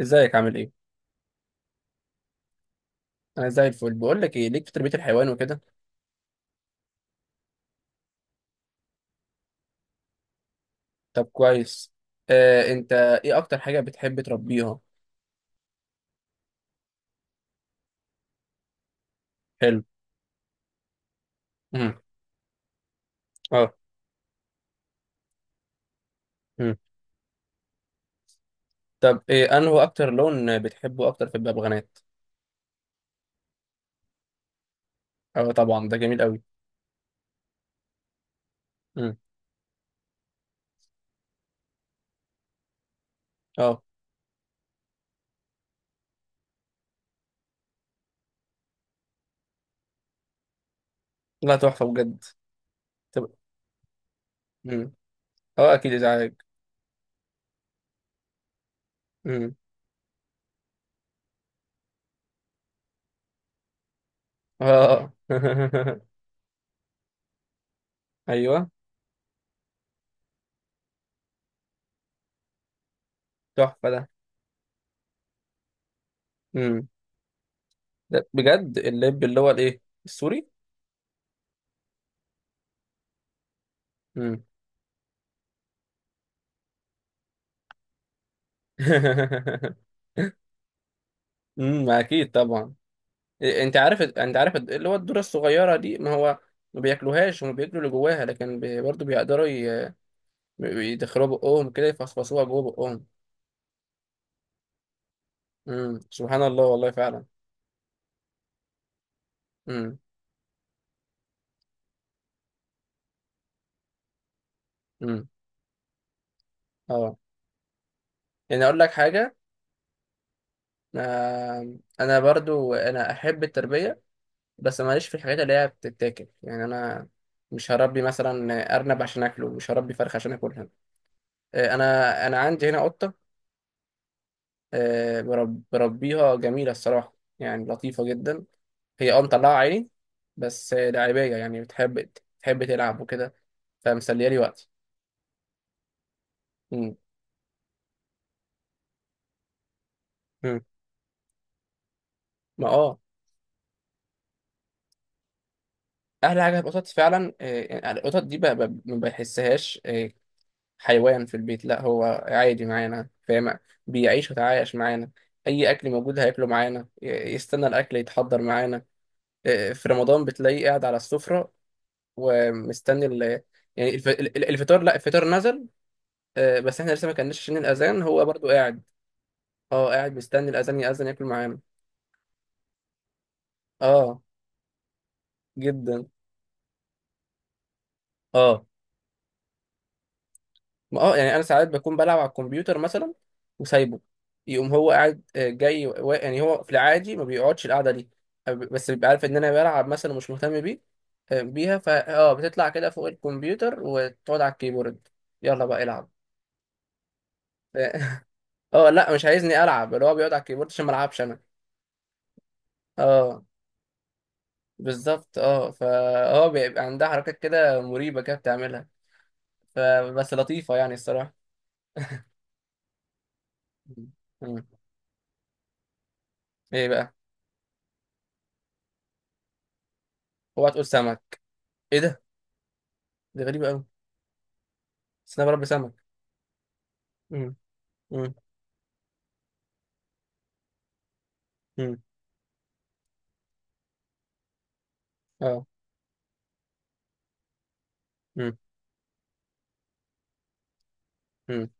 ازيك عامل ايه؟ انا زي الفل. بقول لك ايه، ليك في تربية الحيوان وكده؟ طب كويس. انت ايه اكتر حاجة بتحب تربيها؟ حلو. امم اه. امم طب ايه انه اكتر لون بتحبه اكتر في الببغانات؟ اه طبعا، ده جميل قوي. امم اه. لا تحفة بجد. طب. امم اه اكيد ازعاج. امم اه. ايوه. تحفة ده. امم ده بجد، اللب اللي هو الايه؟ السوري؟ امم اكيد طبعا. انت عارف اللي هو الذره الصغيره دي، ما هو ما بياكلوهاش، هم بياكلوا اللي جواها، لكن برضه بيقدروا يدخلوها بقهم كده، يفصفصوها جوه بقهم. سبحان الله، والله فعلا. امم امم اه، يعني اقول لك حاجه. انا برضو انا احب التربيه، بس ماليش في الحاجات اللي هي بتتاكل، يعني انا مش هربي مثلا ارنب عشان اكله، مش هربي فرخه عشان اكلها. آه، انا انا عندي هنا قطه. بربيها، جميله الصراحه، يعني لطيفه جدا. هي مطلعة عيني، بس لعيبية، يعني بتحب تلعب وكده، فمسلية لي وقتي. مم. مم. ما اه، أحلى حاجة في القطط فعلا، يعني القطط دي ما بحسهاش حيوان في البيت، لا، هو عادي معانا، فاهم؟ بيعيش ويتعايش معانا، أي أكل موجود هياكله معانا، يستنى الأكل يتحضر معانا. في رمضان بتلاقيه قاعد على السفرة، ومستني يعني الفطار، لا الفطار نزل، بس احنا لسه ما كناش، عشان الأذان، هو برضو قاعد. اه، قاعد مستني الاذان ياذن ياكل معانا. اه جدا. اه، ما يعني انا ساعات بكون بلعب على الكمبيوتر مثلا، وسايبه، يقوم هو قاعد جاي، و... يعني هو في العادي ما بيقعدش القعده دي، بس بيبقى عارف ان انا بلعب مثلا ومش مهتم بيه، بيها، فا بتطلع كده فوق الكمبيوتر وتقعد على الكيبورد، يلا بقى العب. اه لا، مش عايزني العب، اللي هو بيقعد على الكيبورد عشان ما العبش انا. اه بالظبط، فهو بيبقى عندها حركات كده مريبه، كده بتعملها، فبس لطيفه يعني الصراحه. مم. مم. ايه بقى؟ اوعى تقول سمك. ايه ده؟ دي غريبه قوي. بس انا بربي سمك. مم. مم. مم. اه. مم. مم.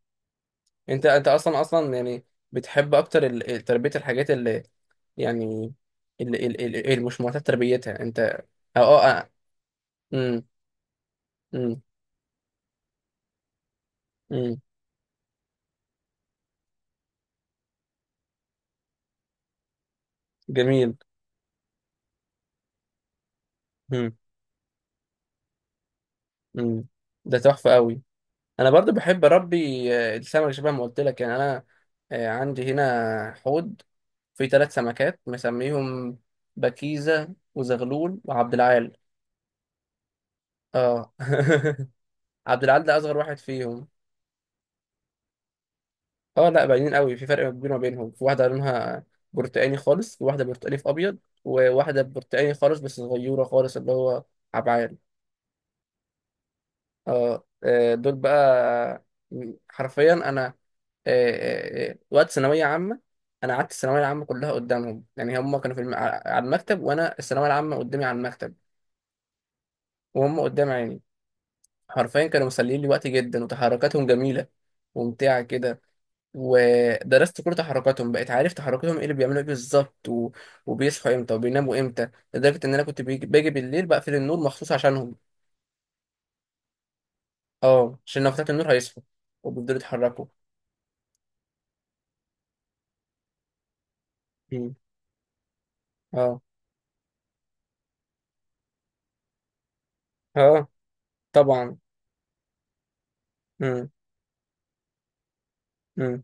انت اصلا يعني بتحب اكتر تربيه الحاجات اللي، يعني اللي مش معتاد تربيتها انت، اه. آه. مم. مم. مم. جميل. مم. مم. ده تحفه قوي. انا برضو بحب اربي السمك، شبه ما قلت لك، يعني انا عندي هنا حوض فيه ثلاث سمكات، مسميهم بكيزة وزغلول وعبد العال. اه. عبد العال ده اصغر واحد فيهم. اه لا، باينين قوي، في فرق كبير ما بينهم، في واحدة لونها برتقاني خالص، وواحدة برتقاني في ابيض، وواحدة برتقاني خالص بس صغيرة خالص، اللي هو عبعال. اه دول بقى، حرفيا انا وقت ثانويه عامه، انا قعدت الثانويه العامه كلها قدامهم، يعني هم كانوا في الم... على المكتب، وانا الثانويه العامه قدامي على المكتب، وهم قدام عيني، حرفيا كانوا مسليين لي وقتي جدا، وتحركاتهم جميله وممتعه كده، ودرست كل تحركاتهم، بقيت عارف تحركاتهم ايه، اللي بيعملوا ايه بالظبط، و... وبيصحوا امتى وبيناموا امتى، لدرجه ان انا كنت بيجي... باجي بالليل بقفل النور مخصوص عشانهم، اه عشان لو فتحت النور هيصحوا وبيفضلوا يتحركوا. مم. اه اه طبعا. امم امم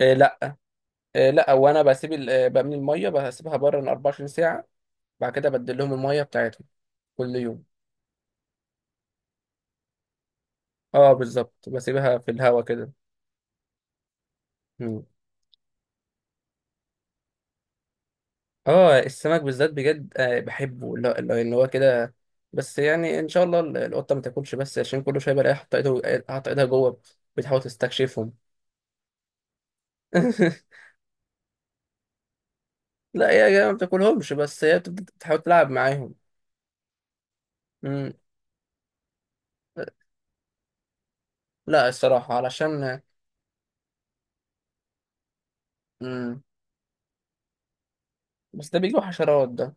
إيه لا. إيه لا، وانا بسيب بملي الميه بسيبها بره من 24 ساعه، بعد كده بدل لهم الميه بتاعتهم كل يوم. اه بالظبط، بسيبها في الهوا كده. مم. اه السمك بالذات بجد، بحبه، لا لا، اللي هو كده، بس يعني ان شاء الله القطه ما تاكلش، بس عشان كل شويه بلاقيها حاطه ايدها، حاطه ايدها جوه، بتحاول تستكشفهم. لا يا جماعه، ما بتاكلهمش، بس هي بتبدأ تحاول تلعب معاهم. مم. لا الصراحه، علشان، مم، بس ده بيجي حشرات ده.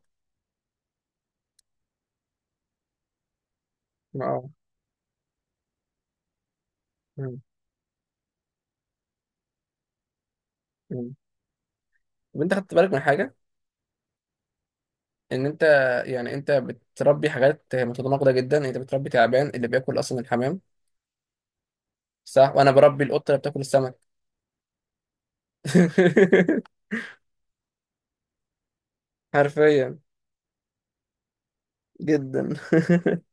اه. مم. مم. طب انت خدت بالك من حاجه، ان انت يعني انت بتربي حاجات متناقضه جدا، يعني انت بتربي تعبان اللي بياكل اصلا الحمام، صح؟ وانا بربي القطه اللي بتاكل السمك. حرفيا جدا.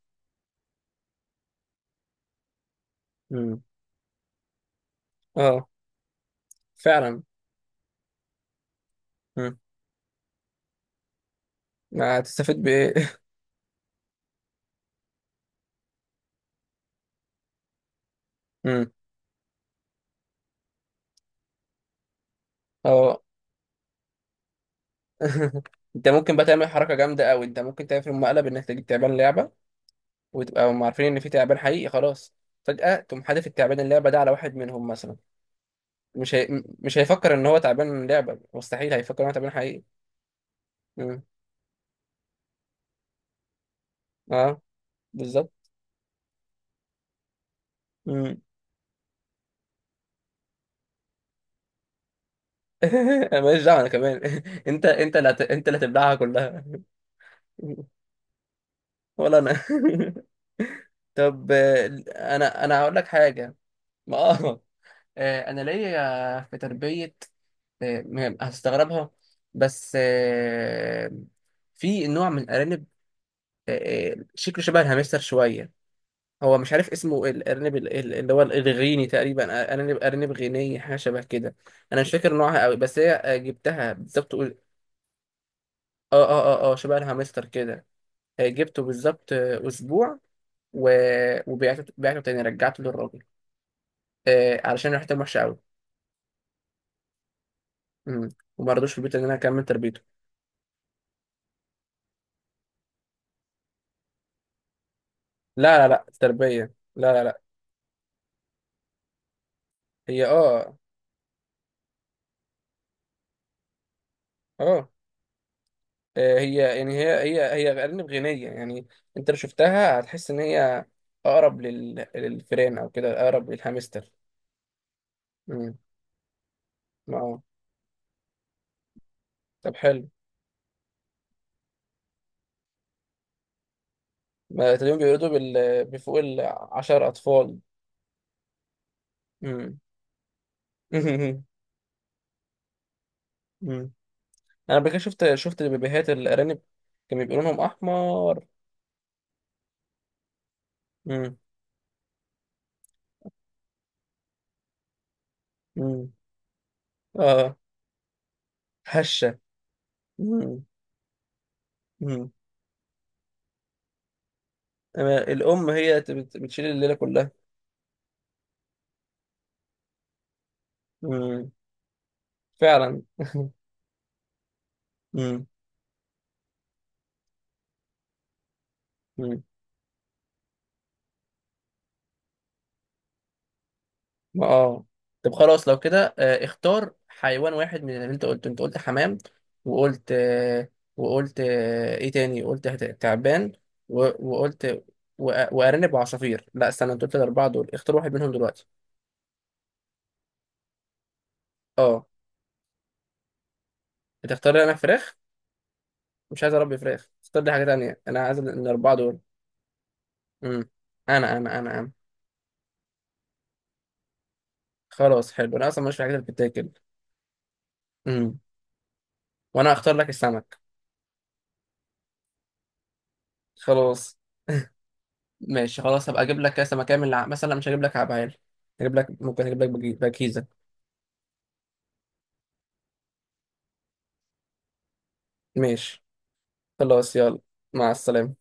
مم. اه فعلا. مم. هتستفيد بايه؟ مم. اه. انت ممكن بقى تعمل حركه جامده قوي، انت ممكن تعمل في مقلب، انك تجيب تعبان لعبه وتبقى هم عارفين ان في تعبان حقيقي، خلاص فجاه تقوم حادف التعبان اللعبه ده على واحد منهم مثلا، مش هيفكر ان هو تعبان من لعبه، مستحيل، هيفكر ان هو تعبان حقيقي. مم. اه بالظبط. مم. انا ماليش دعوه انا كمان. انت انت اللي هتبلعها كلها. ولا انا. طب انا هقول لك حاجه، ما اه، انا ليا في تربيه، هتستغربها، بس في نوع من الارانب، شكله شبه الهامستر شويه، هو مش عارف اسمه، الارنب اللي هو الغيني تقريبا، ارنب غيني، حاجه شبه كده. انا مش فاكر نوعها قوي، بس هي جبتها بالظبط اه اه اه اه، شبه الهامستر كده. جبته بالظبط اسبوع، و... وبعته تاني، رجعته للراجل، علشان ريحته وحشه قوي. امم وما رضوش في البيت ان انا اكمل تربيته. لا لا لا، تربيه، لا لا لا. هي اه هي يعني هي أرانب غنية، يعني أنت لو شفتها هتحس إن هي أقرب للفئران أو كده، أقرب للهامستر. امم أه. طب حلو. ما تقريبا بيولدوا بفوق العشر أطفال. امم أمم. أنا قبل كده شفت بيبيهات الأرانب، كان بيبقى لونهم أحمر. امم امم أه، هشة. امم امم أما الأم هي بتشيل الليلة كلها. امم فعلا. امم اه. طب خلاص لو كده، اختار حيوان واحد من اللي انت قلته، انت قلت حمام، وقلت وقلت ايه تاني قلت؟ تعبان، وقلت وارنب وعصافير. لا استنى، انت قلت الاربعه دول، اختار واحد منهم دلوقتي. اه، هتختار لي انا فراخ؟ مش عايز اربي فراخ، اختار لي حاجه تانيه، انا عايز الاربعه دول. امم انا خلاص، حلو، انا اصلا مش في الحاجات اللي بتتاكل. امم وانا اختار لك السمك. خلاص. ماشي خلاص، هبقى اجيب لك كاس سمكة من مثلا مش هجيب لك عبعال، هجيب لك ممكن اجيب لك بكيزة. ماشي. خلاص يلا، مع السلامة.